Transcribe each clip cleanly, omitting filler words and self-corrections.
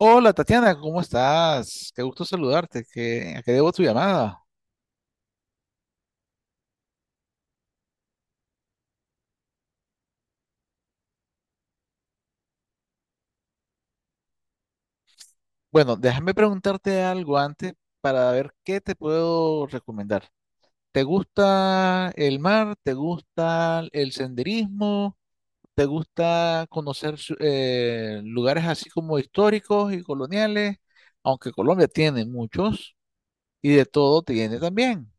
Hola Tatiana, ¿cómo estás? Qué gusto saludarte. ¿A qué debo tu llamada? Bueno, déjame preguntarte algo antes para ver qué te puedo recomendar. ¿Te gusta el mar? ¿Te gusta el senderismo? ¿Te gusta conocer lugares así como históricos y coloniales? Aunque Colombia tiene muchos y de todo tiene también.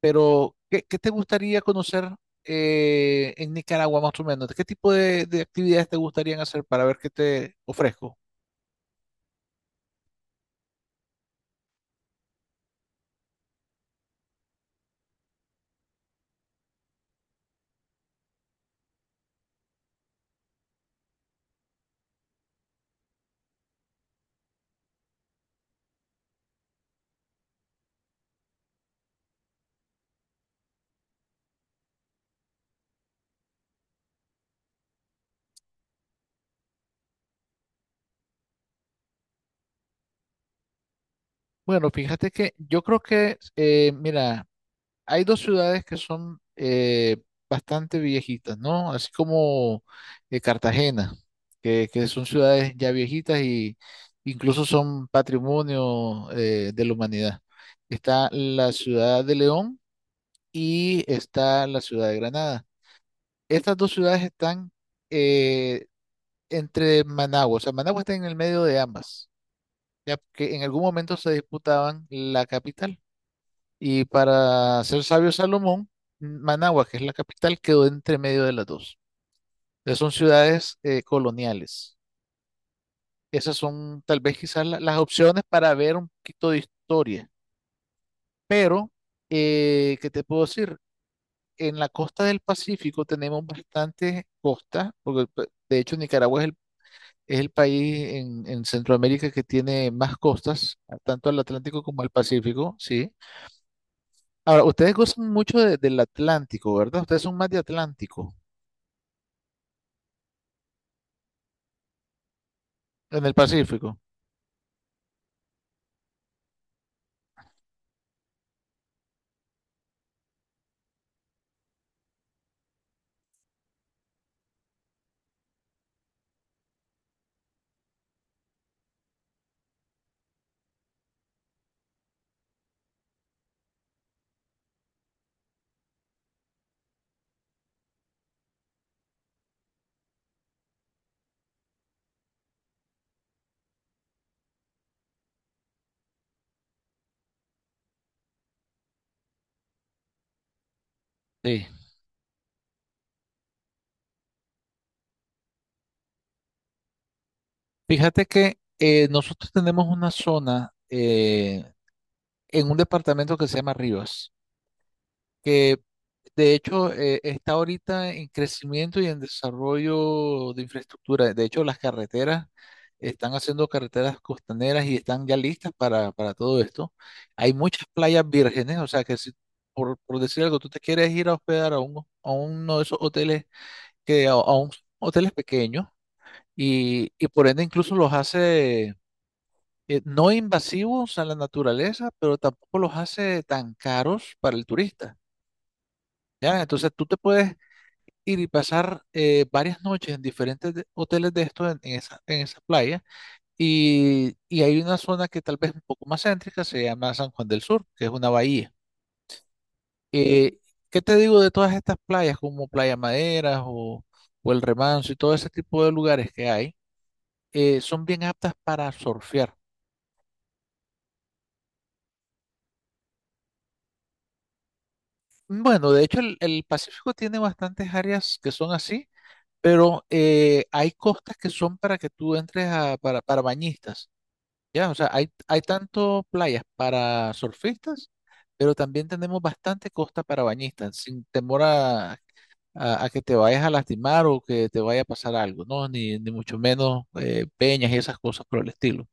Pero, ¿qué te gustaría conocer en Nicaragua más o menos? ¿Qué tipo de actividades te gustarían hacer para ver qué te ofrezco? Bueno, fíjate que yo creo que, mira, hay dos ciudades que son bastante viejitas, ¿no? Así como Cartagena, que son ciudades ya viejitas y incluso son patrimonio de la humanidad. Está la ciudad de León y está la ciudad de Granada. Estas dos ciudades están eh, entre Managua, o sea, Managua está en el medio de ambas, ya que en algún momento se disputaban la capital. Y para ser sabio Salomón, Managua, que es la capital, quedó entre medio de las dos. Entonces son ciudades coloniales. Esas son tal vez quizás las opciones para ver un poquito de historia. Pero, ¿qué te puedo decir? En la costa del Pacífico tenemos bastante costa, porque de hecho Nicaragua es el Es el país en Centroamérica que tiene más costas, tanto al Atlántico como al Pacífico, ¿sí? Ahora, ustedes gozan mucho del Atlántico, ¿verdad? Ustedes son más de Atlántico, en el Pacífico. Sí. Fíjate que nosotros tenemos una zona en un departamento que se llama Rivas, que de hecho, está ahorita en crecimiento y en desarrollo de infraestructura. De hecho, las carreteras están haciendo carreteras costaneras y están ya listas para todo esto. Hay muchas playas vírgenes, o sea que si, por decir algo, tú te quieres ir a hospedar a uno de esos hoteles, que, a un hoteles pequeños y por ende incluso los hace no invasivos a la naturaleza, pero tampoco los hace tan caros para el turista. ¿Ya? Entonces tú te puedes ir y pasar varias noches en diferentes hoteles de estos en esa playa. Y hay una zona que tal vez un poco más céntrica, se llama San Juan del Sur, que es una bahía. Eh, ¿Qué te digo de todas estas playas, como Playa Maderas o El Remanso y todo ese tipo de lugares que hay? Son bien aptas para surfear. Bueno, de hecho el Pacífico tiene bastantes áreas que son así, pero hay costas que son para que tú entres para bañistas. Ya, o sea, hay tanto playas para surfistas, pero también tenemos bastante costa para bañistas, sin temor a, a que te vayas a lastimar o que te vaya a pasar algo, ¿no? Ni mucho menos peñas y esas cosas por el estilo.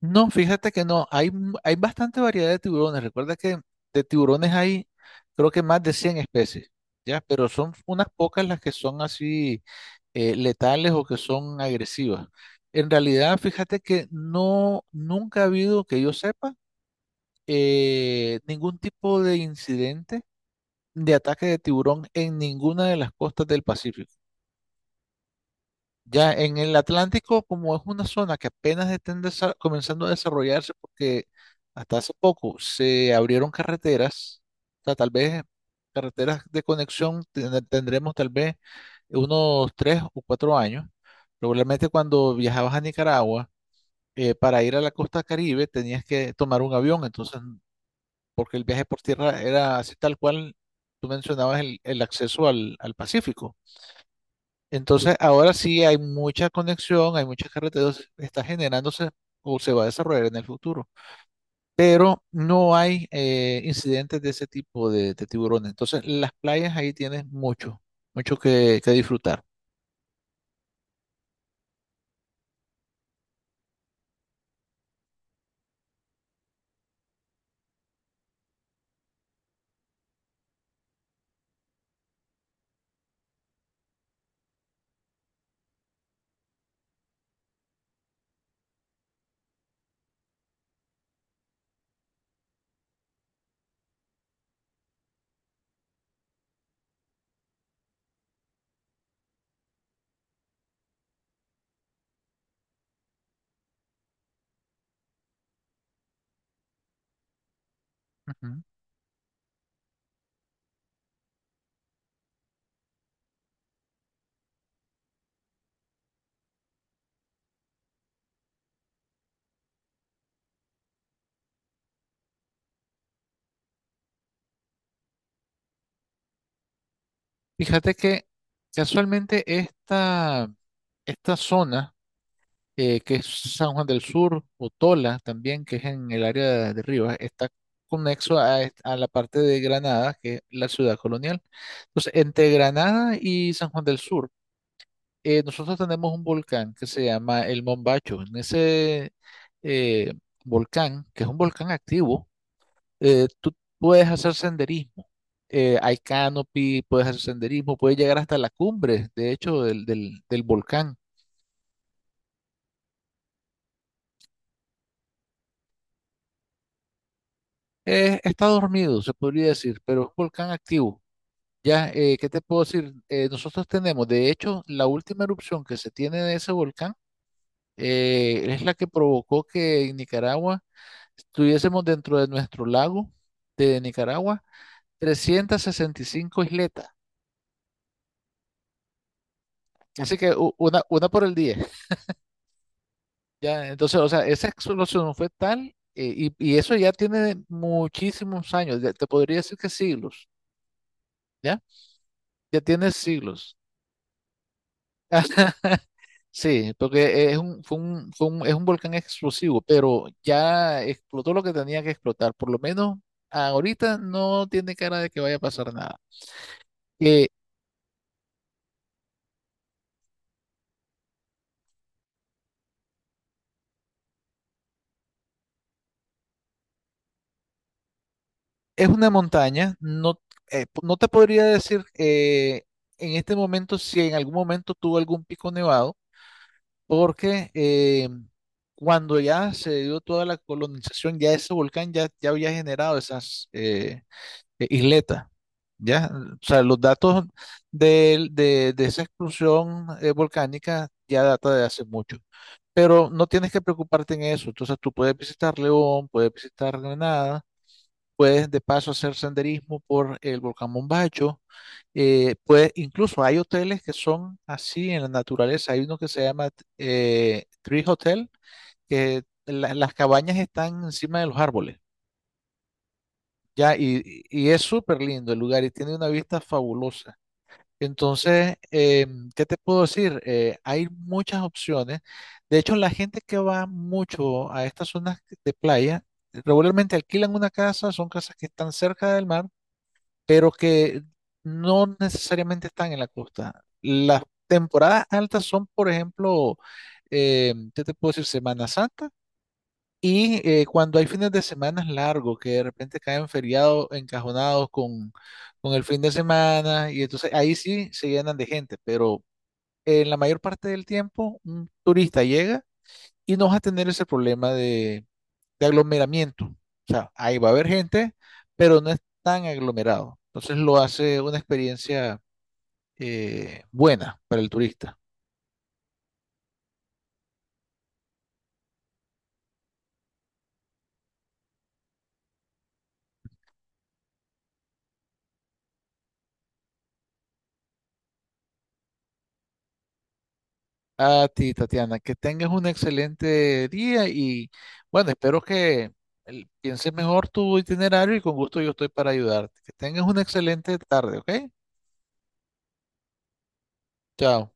No, fíjate que no, hay, hay bastante variedad de tiburones. Recuerda que de tiburones hay creo que más de 100 especies, ¿ya? Pero son unas pocas las que son así. Letales o que son agresivas. En realidad, fíjate que no, nunca ha habido, que yo sepa, ningún tipo de incidente de ataque de tiburón en ninguna de las costas del Pacífico. Ya en el Atlántico, como es una zona que apenas está comenzando a desarrollarse, porque hasta hace poco se abrieron carreteras, o sea, tal vez carreteras de conexión tendremos tal vez unos tres o cuatro años. Probablemente cuando viajabas a Nicaragua, para ir a la costa Caribe tenías que tomar un avión, entonces, porque el viaje por tierra era así tal cual tú mencionabas el acceso al Pacífico. Entonces, ahora sí hay mucha conexión, hay muchas carreteras, está generándose o se va a desarrollar en el futuro, pero no hay incidentes de ese tipo de tiburones. Entonces, las playas ahí tienes mucho, mucho que disfrutar. Ujú. Fíjate que casualmente esta zona que es San Juan del Sur, o Tola también, que es en el área de Rivas, está conexo a, a la parte de Granada, que es la ciudad colonial. Entonces, entre Granada y San Juan del Sur, nosotros tenemos un volcán que se llama el Mombacho. En ese eh, volcán, que es un volcán activo, tú puedes hacer senderismo. Hay canopy, puedes hacer senderismo, puedes llegar hasta la cumbre, de hecho, del volcán. Está dormido, se podría decir, pero es un volcán activo. Ya, ¿qué te puedo decir? Nosotros tenemos, de hecho, la última erupción que se tiene de ese volcán es la que provocó que en Nicaragua estuviésemos dentro de nuestro lago de Nicaragua 365 isletas. Así que una por el día. Ya, entonces, o sea, esa explosión fue tal y eso ya tiene muchísimos años, ya te podría decir que siglos, ¿ya? Ya tiene siglos. Sí, porque es un, es un volcán explosivo, pero ya explotó lo que tenía que explotar. Por lo menos ahorita no tiene cara de que vaya a pasar nada. Eh, es una montaña, no, no te podría decir en este momento si en algún momento tuvo algún pico nevado, porque cuando ya se dio toda la colonización, ya ese volcán ya, ya había generado esas, isleta, ¿ya? O sea, los datos de esa exclusión volcánica ya data de hace mucho, pero no tienes que preocuparte en eso, entonces tú puedes visitar León, puedes visitar Granada, puedes de paso hacer senderismo por el volcán Mombacho, incluso hay hoteles que son así en la naturaleza. Hay uno que se llama Tree Hotel, que las cabañas están encima de los árboles. Ya, y es súper lindo el lugar y tiene una vista fabulosa. Entonces, ¿qué te puedo decir? Hay muchas opciones. De hecho, la gente que va mucho a estas zonas de playa, regularmente alquilan una casa, son casas que están cerca del mar, pero que no necesariamente están en la costa. Las temporadas altas son, por ejemplo, ¿qué te puedo decir? Semana Santa y cuando hay fines de semana largos, que de repente caen feriados encajonados con el fin de semana, y entonces ahí sí se llenan de gente, pero en la mayor parte del tiempo un turista llega y no va a tener ese problema de aglomeramiento. O sea, ahí va a haber gente, pero no es tan aglomerado. Entonces lo hace una experiencia buena para el turista. A ti, Tatiana, que tengas un excelente día y bueno, espero que pienses mejor tu itinerario y con gusto yo estoy para ayudarte. Que tengas una excelente tarde, ¿ok? Chao.